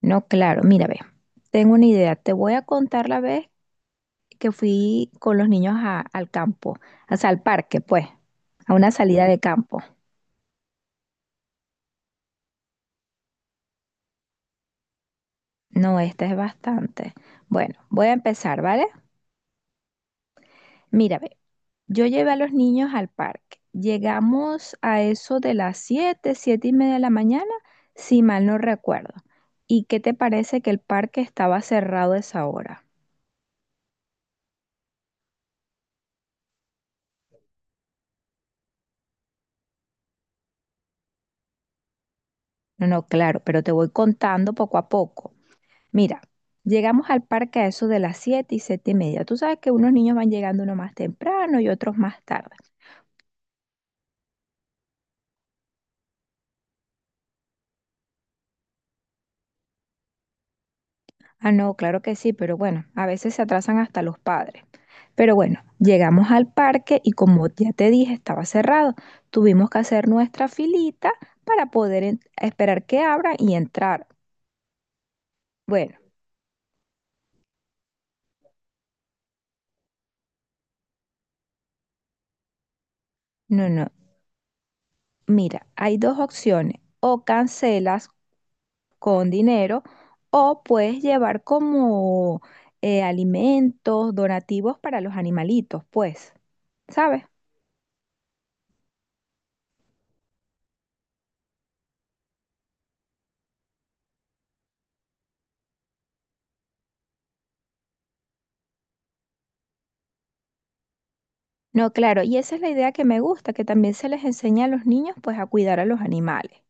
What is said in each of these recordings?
No, claro, mira, ve, tengo una idea. Te voy a contar la vez que fui con los niños al campo, o sea, al parque, pues, a una salida de campo. No, esta es bastante. Bueno, voy a empezar, ¿vale? Mira, ve, yo llevé a los niños al parque. Llegamos a eso de las 7, 7:30 de la mañana, si mal no recuerdo. ¿Y qué te parece que el parque estaba cerrado a esa hora? No, no, claro, pero te voy contando poco a poco. Mira, llegamos al parque a eso de las 7 y 7:30. Tú sabes que unos niños van llegando uno más temprano y otros más tarde. Ah, no, claro que sí, pero bueno, a veces se atrasan hasta los padres. Pero bueno, llegamos al parque y como ya te dije, estaba cerrado. Tuvimos que hacer nuestra filita para poder esperar que abran y entrar. Bueno, no, no. Mira, hay dos opciones. O cancelas con dinero o puedes llevar como alimentos, donativos para los animalitos, pues, ¿sabes? No, claro, y esa es la idea que me gusta, que también se les enseña a los niños pues a cuidar a los animales.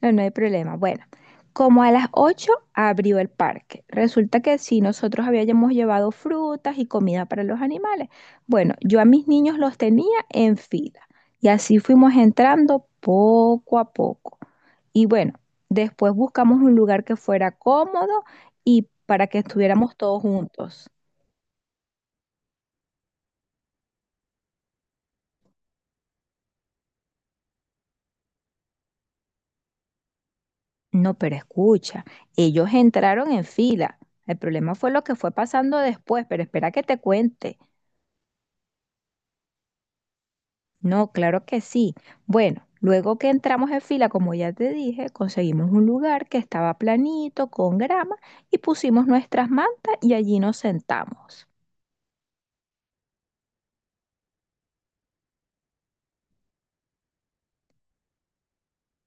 No, no hay problema. Bueno, como a las 8 abrió el parque. Resulta que sí, nosotros habíamos llevado frutas y comida para los animales. Bueno, yo a mis niños los tenía en fila y así fuimos entrando poco a poco. Y bueno, después buscamos un lugar que fuera cómodo y para que estuviéramos todos juntos. No, pero escucha, ellos entraron en fila. El problema fue lo que fue pasando después, pero espera que te cuente. No, claro que sí. Bueno, luego que entramos en fila, como ya te dije, conseguimos un lugar que estaba planito, con grama, y pusimos nuestras mantas y allí nos sentamos.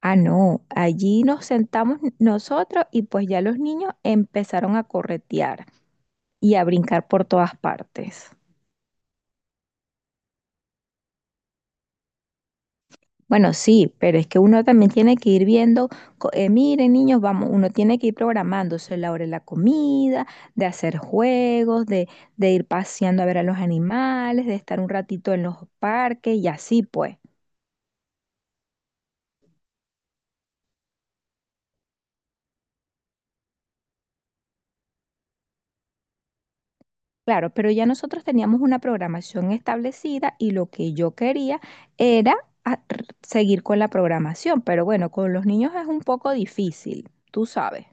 Ah, no, allí nos sentamos nosotros y pues ya los niños empezaron a corretear y a brincar por todas partes. Bueno, sí, pero es que uno también tiene que ir viendo, miren niños, vamos, uno tiene que ir programándose la hora de la comida, de hacer juegos, de ir paseando a ver a los animales, de estar un ratito en los parques y así pues. Claro, pero ya nosotros teníamos una programación establecida y lo que yo quería era seguir con la programación, pero bueno, con los niños es un poco difícil, tú sabes.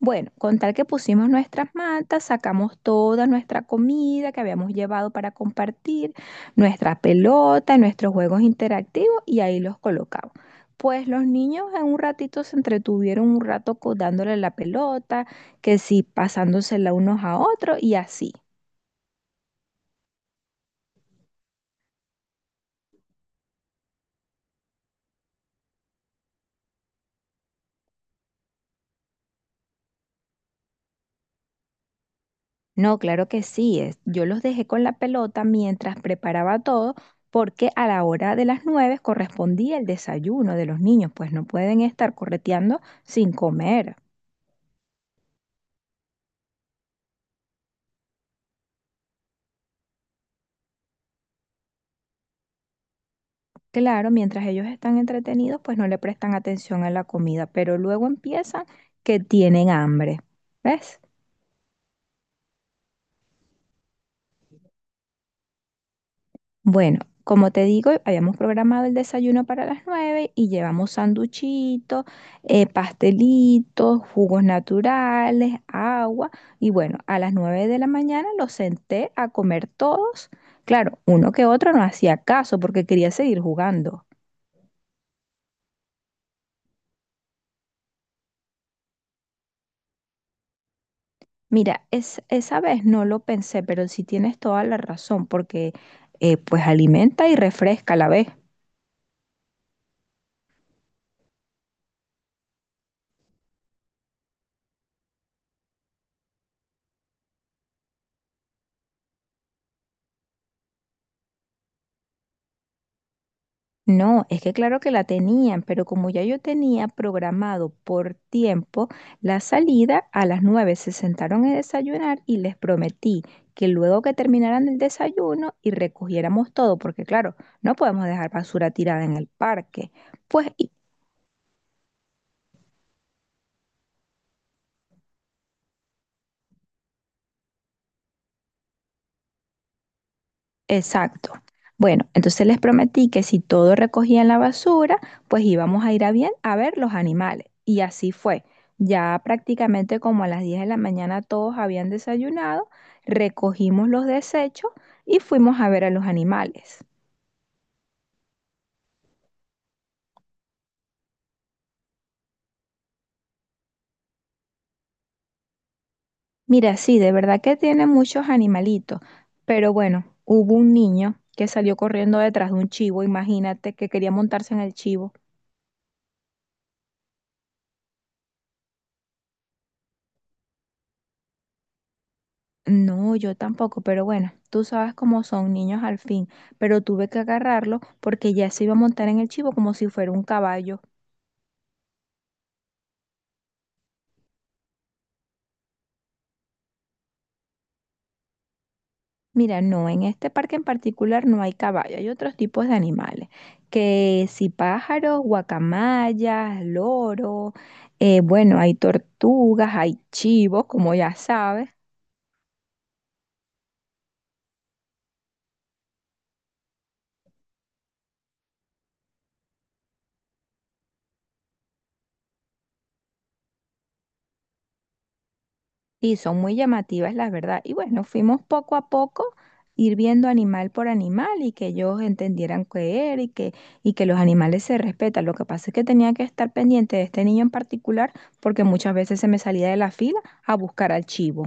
Bueno, con tal que pusimos nuestras mantas, sacamos toda nuestra comida que habíamos llevado para compartir, nuestra pelota, nuestros juegos interactivos y ahí los colocamos. Pues los niños en un ratito se entretuvieron un rato dándole la pelota, que sí, pasándosela unos a otros y así. No, claro que sí, yo los dejé con la pelota mientras preparaba todo, porque a la hora de las 9 correspondía el desayuno de los niños, pues no pueden estar correteando sin comer. Claro, mientras ellos están entretenidos, pues no le prestan atención a la comida, pero luego empiezan que tienen hambre. ¿Ves? Bueno, como te digo, habíamos programado el desayuno para las 9 y llevamos sanduchitos, pastelitos, jugos naturales, agua. Y bueno, a las 9 de la mañana los senté a comer todos. Claro, uno que otro no hacía caso porque quería seguir jugando. Mira, esa vez no lo pensé, pero sí tienes toda la razón, porque pues alimenta y refresca a la vez. No, es que claro que la tenían, pero como ya yo tenía programado por tiempo la salida, a las nueve se sentaron a desayunar y les prometí que luego que terminaran el desayuno y recogiéramos todo, porque claro, no podemos dejar basura tirada en el parque, pues exacto. Bueno, entonces les prometí que si todo recogían la basura, pues íbamos a ir a bien a ver los animales. Y así fue. Ya prácticamente como a las 10 de la mañana todos habían desayunado, recogimos los desechos y fuimos a ver a los animales. Mira, sí, de verdad que tiene muchos animalitos, pero bueno, hubo un niño que salió corriendo detrás de un chivo, imagínate que quería montarse en el chivo. No, yo tampoco, pero bueno, tú sabes cómo son niños al fin, pero tuve que agarrarlo porque ya se iba a montar en el chivo como si fuera un caballo. Mira, no, en este parque en particular no hay caballo, hay otros tipos de animales, que si pájaros, guacamayas, loros, bueno, hay tortugas, hay chivos, como ya sabes. Sí, son muy llamativas, la verdad. Y bueno, fuimos poco a poco ir viendo animal por animal y que ellos entendieran qué era y y que los animales se respetan. Lo que pasa es que tenía que estar pendiente de este niño en particular porque muchas veces se me salía de la fila a buscar al chivo.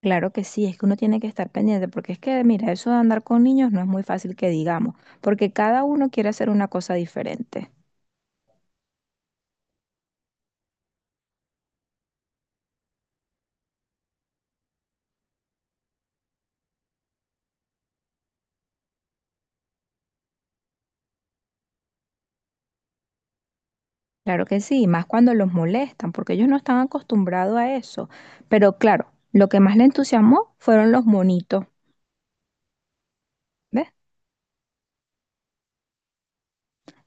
Claro que sí, es que uno tiene que estar pendiente porque es que, mira, eso de andar con niños no es muy fácil que digamos, porque cada uno quiere hacer una cosa diferente. Claro que sí, y más cuando los molestan, porque ellos no están acostumbrados a eso. Pero claro, lo que más le entusiasmó fueron los monitos, ¿ves?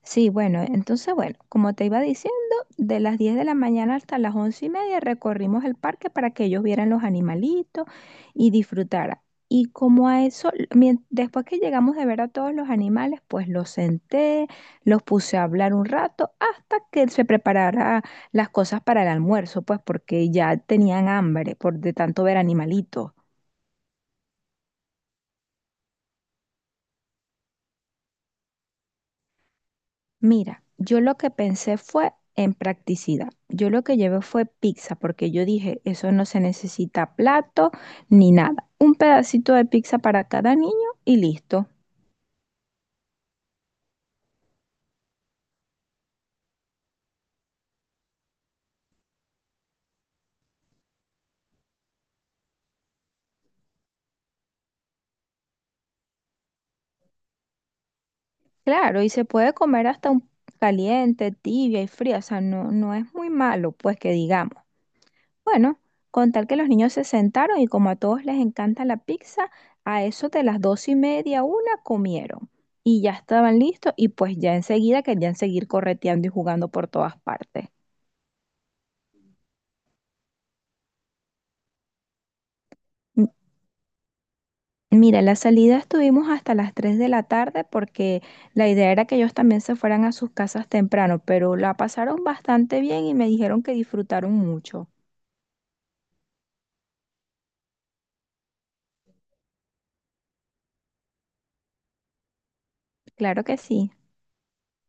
Sí, bueno, entonces, bueno, como te iba diciendo, de las 10 de la mañana hasta las 11:30 recorrimos el parque para que ellos vieran los animalitos y disfrutaran. Y como a eso, después que llegamos de ver a todos los animales, pues los senté, los puse a hablar un rato hasta que se preparara las cosas para el almuerzo, pues porque ya tenían hambre por de tanto ver animalitos. Mira, yo lo que pensé fue en practicidad. Yo lo que llevé fue pizza, porque yo dije, eso no se necesita plato ni nada. Un pedacito de pizza para cada niño y listo. Claro, y se puede comer hasta un caliente, tibia y fría, o sea, no, no es muy malo, pues que digamos. Bueno, con tal que los niños se sentaron y como a todos les encanta la pizza, a eso de las 2:30, una comieron y ya estaban listos y pues ya enseguida querían seguir correteando y jugando por todas partes. M- Mira, la salida estuvimos hasta las 3 de la tarde porque la idea era que ellos también se fueran a sus casas temprano, pero la pasaron bastante bien y me dijeron que disfrutaron mucho. Claro que sí.